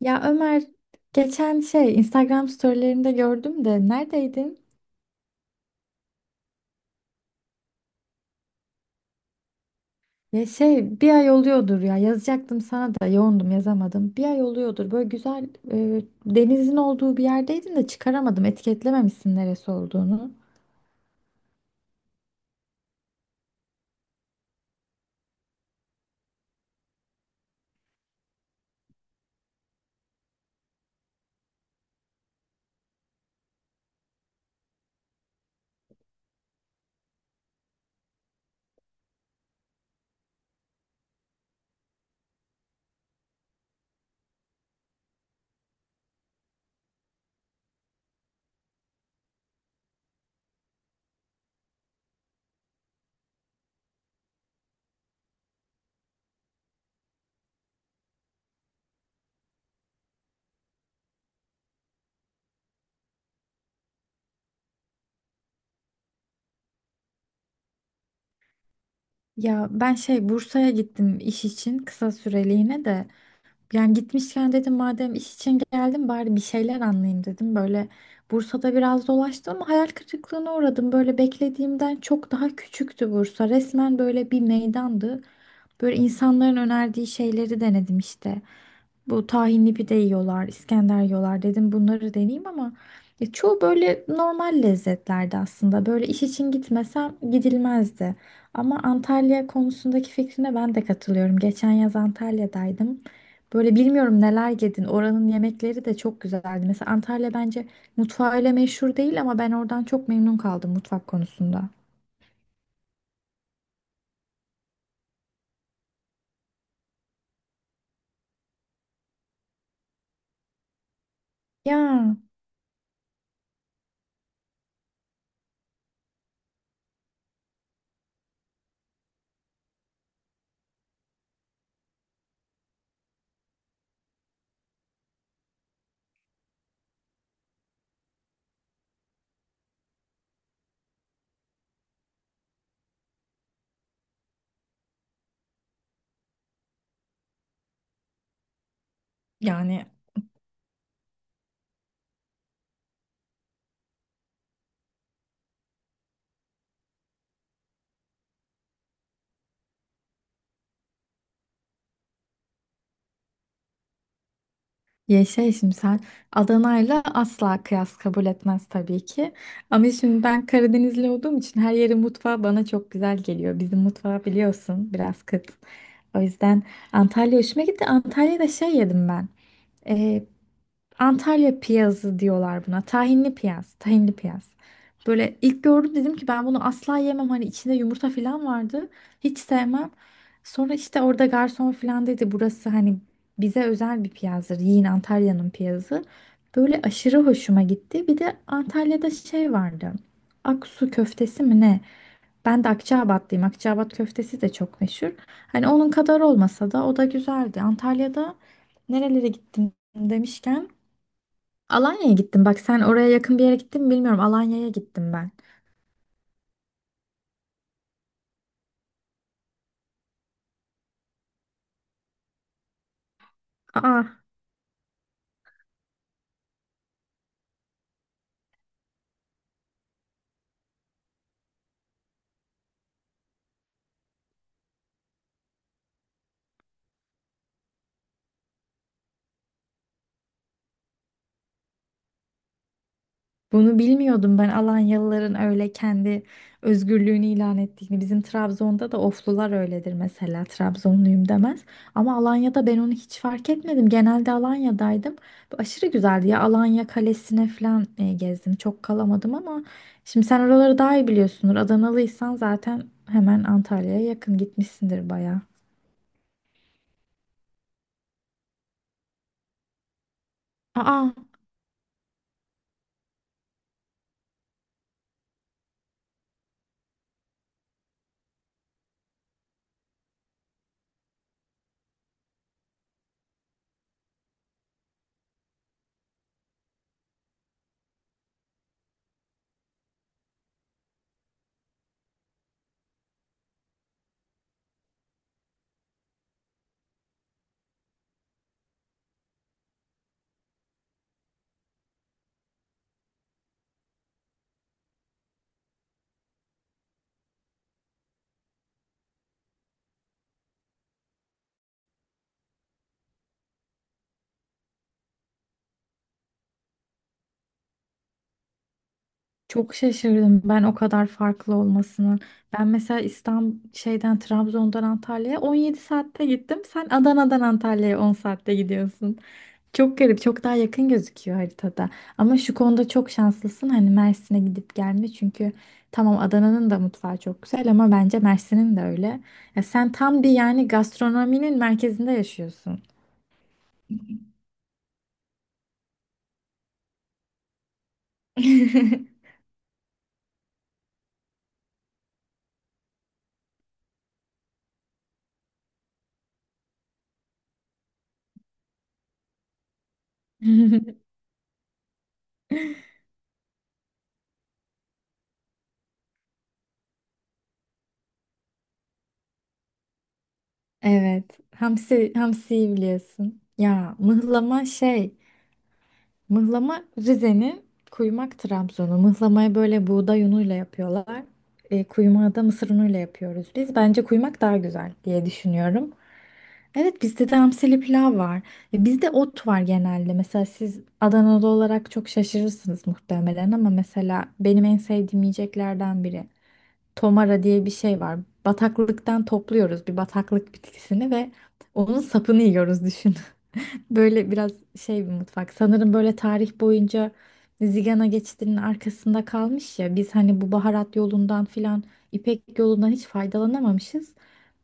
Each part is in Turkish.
Ya Ömer geçen Instagram storylerinde gördüm de neredeydin? Ya bir ay oluyordur ya yazacaktım sana da yoğundum yazamadım. Bir ay oluyordur böyle güzel denizin olduğu bir yerdeydin de çıkaramadım, etiketlememişsin neresi olduğunu. Ya ben Bursa'ya gittim iş için kısa süreliğine de. Yani gitmişken dedim madem iş için geldim bari bir şeyler anlayayım dedim. Böyle Bursa'da biraz dolaştım ama hayal kırıklığına uğradım. Böyle beklediğimden çok daha küçüktü Bursa. Resmen böyle bir meydandı. Böyle insanların önerdiği şeyleri denedim işte. Bu tahinli pide yiyorlar, İskender yiyorlar dedim bunları deneyeyim ama ya çoğu böyle normal lezzetlerdi aslında. Böyle iş için gitmesem gidilmezdi. Ama Antalya konusundaki fikrine ben de katılıyorum. Geçen yaz Antalya'daydım. Böyle bilmiyorum neler yedin. Oranın yemekleri de çok güzeldi. Mesela Antalya bence mutfağıyla meşhur değil ama ben oradan çok memnun kaldım mutfak konusunda. Ya. Yani. Şimdi sen Adana'yla asla kıyas kabul etmez tabii ki. Ama şimdi ben Karadenizli olduğum için her yerin mutfağı bana çok güzel geliyor. Bizim mutfağı biliyorsun biraz kıt. O yüzden Antalya hoşuma gitti. Antalya'da yedim ben. Antalya piyazı diyorlar buna. Tahinli piyaz, tahinli piyaz. Böyle ilk gördüm dedim ki ben bunu asla yemem. Hani içinde yumurta falan vardı. Hiç sevmem. Sonra işte orada garson falan dedi burası hani bize özel bir piyazdır. Yiyin Antalya'nın piyazı. Böyle aşırı hoşuma gitti. Bir de Antalya'da vardı. Aksu köftesi mi ne? Ben de Akçaabatlıyım. Akçaabat köftesi de çok meşhur. Hani onun kadar olmasa da o da güzeldi. Antalya'da nerelere gittim demişken Alanya'ya gittim. Bak sen oraya yakın bir yere gittin mi bilmiyorum. Alanya'ya gittim ben. Aa, bunu bilmiyordum ben, Alanyalıların öyle kendi özgürlüğünü ilan ettiğini. Bizim Trabzon'da da Oflular öyledir mesela. Trabzonluyum demez. Ama Alanya'da ben onu hiç fark etmedim. Genelde Alanya'daydım. Bu aşırı güzeldi ya. Alanya Kalesi'ne falan gezdim. Çok kalamadım ama şimdi sen oraları daha iyi biliyorsundur. Adanalıysan zaten hemen Antalya'ya yakın gitmişsindir bayağı. Aa, çok şaşırdım ben o kadar farklı olmasının. Ben mesela İstanbul şeyden Trabzon'dan Antalya'ya 17 saatte gittim. Sen Adana'dan Antalya'ya 10 saatte gidiyorsun. Çok garip, çok daha yakın gözüküyor haritada. Ama şu konuda çok şanslısın. Hani Mersin'e gidip gelme, çünkü tamam Adana'nın da mutfağı çok güzel ama bence Mersin'in de öyle. Ya sen tam bir yani gastronominin merkezinde yaşıyorsun. Evet. Hamsi, hamsiyi biliyorsun. Ya mıhlama mıhlama Rize'nin, kuymak Trabzon'u. Mıhlamayı böyle buğday unuyla yapıyorlar. Kuymağı da mısır unuyla yapıyoruz biz. Bence kuymak daha güzel diye düşünüyorum. Evet bizde de hamsili pilav var. Bizde ot var genelde. Mesela siz Adanalı olarak çok şaşırırsınız muhtemelen ama mesela benim en sevdiğim yiyeceklerden biri. Tomara diye bir şey var. Bataklıktan topluyoruz bir bataklık bitkisini ve onun sapını yiyoruz. Böyle biraz bir mutfak. Sanırım böyle tarih boyunca Zigana geçidinin arkasında kalmış ya. Biz hani bu baharat yolundan filan, İpek yolundan hiç faydalanamamışız.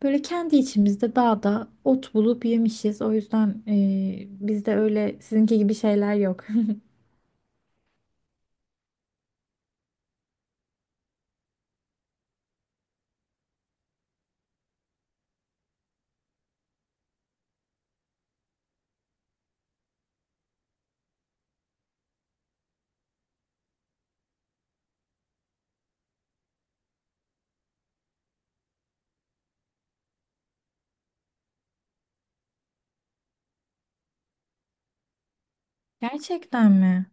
Böyle kendi içimizde dağda ot bulup yemişiz. O yüzden bizde öyle sizinki gibi şeyler yok. Gerçekten mi?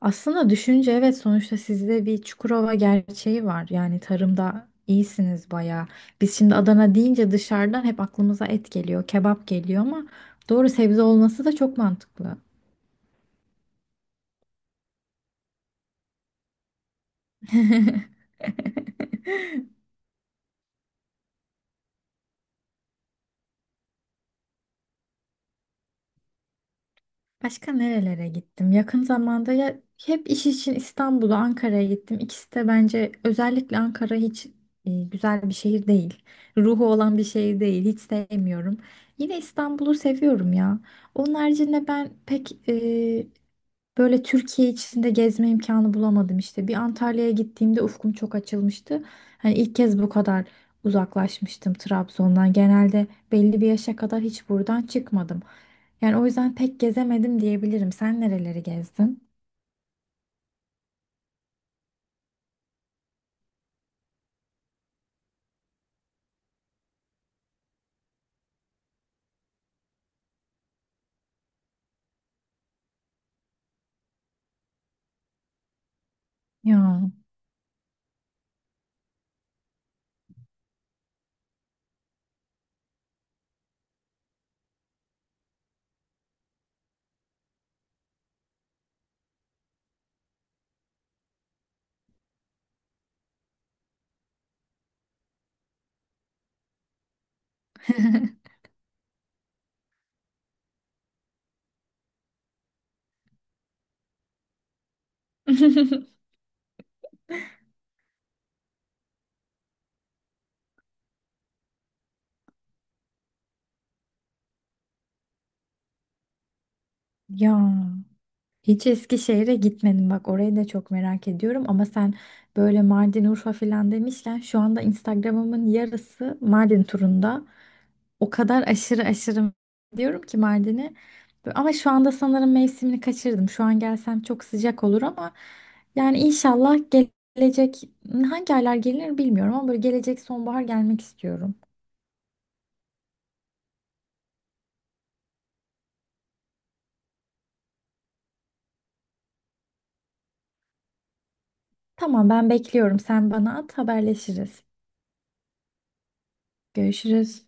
Aslında düşünce evet, sonuçta sizde bir Çukurova gerçeği var. Yani tarımda iyisiniz bayağı. Biz şimdi Adana deyince dışarıdan hep aklımıza et geliyor, kebap geliyor ama doğru, sebze olması da çok mantıklı. Başka nerelere gittim? Yakın zamanda ya hep iş için İstanbul'a, Ankara'ya gittim. İkisi de, bence özellikle Ankara, hiç güzel bir şehir değil. Ruhu olan bir şehir değil. Hiç sevmiyorum. Yine İstanbul'u seviyorum ya. Onun haricinde ben pek böyle Türkiye içinde gezme imkanı bulamadım işte. Bir Antalya'ya gittiğimde ufkum çok açılmıştı. Hani ilk kez bu kadar uzaklaşmıştım Trabzon'dan. Genelde belli bir yaşa kadar hiç buradan çıkmadım. Yani o yüzden pek gezemedim diyebilirim. Sen nereleri gezdin? Ya. Ya. Hiç Eskişehir'e gitmedim, bak orayı da çok merak ediyorum ama sen böyle Mardin, Urfa filan demişken şu anda Instagram'ımın yarısı Mardin turunda. O kadar aşırı aşırı diyorum ki Mardin'e, ama şu anda sanırım mevsimini kaçırdım. Şu an gelsem çok sıcak olur ama yani inşallah gelecek, hangi aylar gelir bilmiyorum ama böyle gelecek sonbahar gelmek istiyorum. Tamam ben bekliyorum, sen bana at, haberleşiriz. Görüşürüz.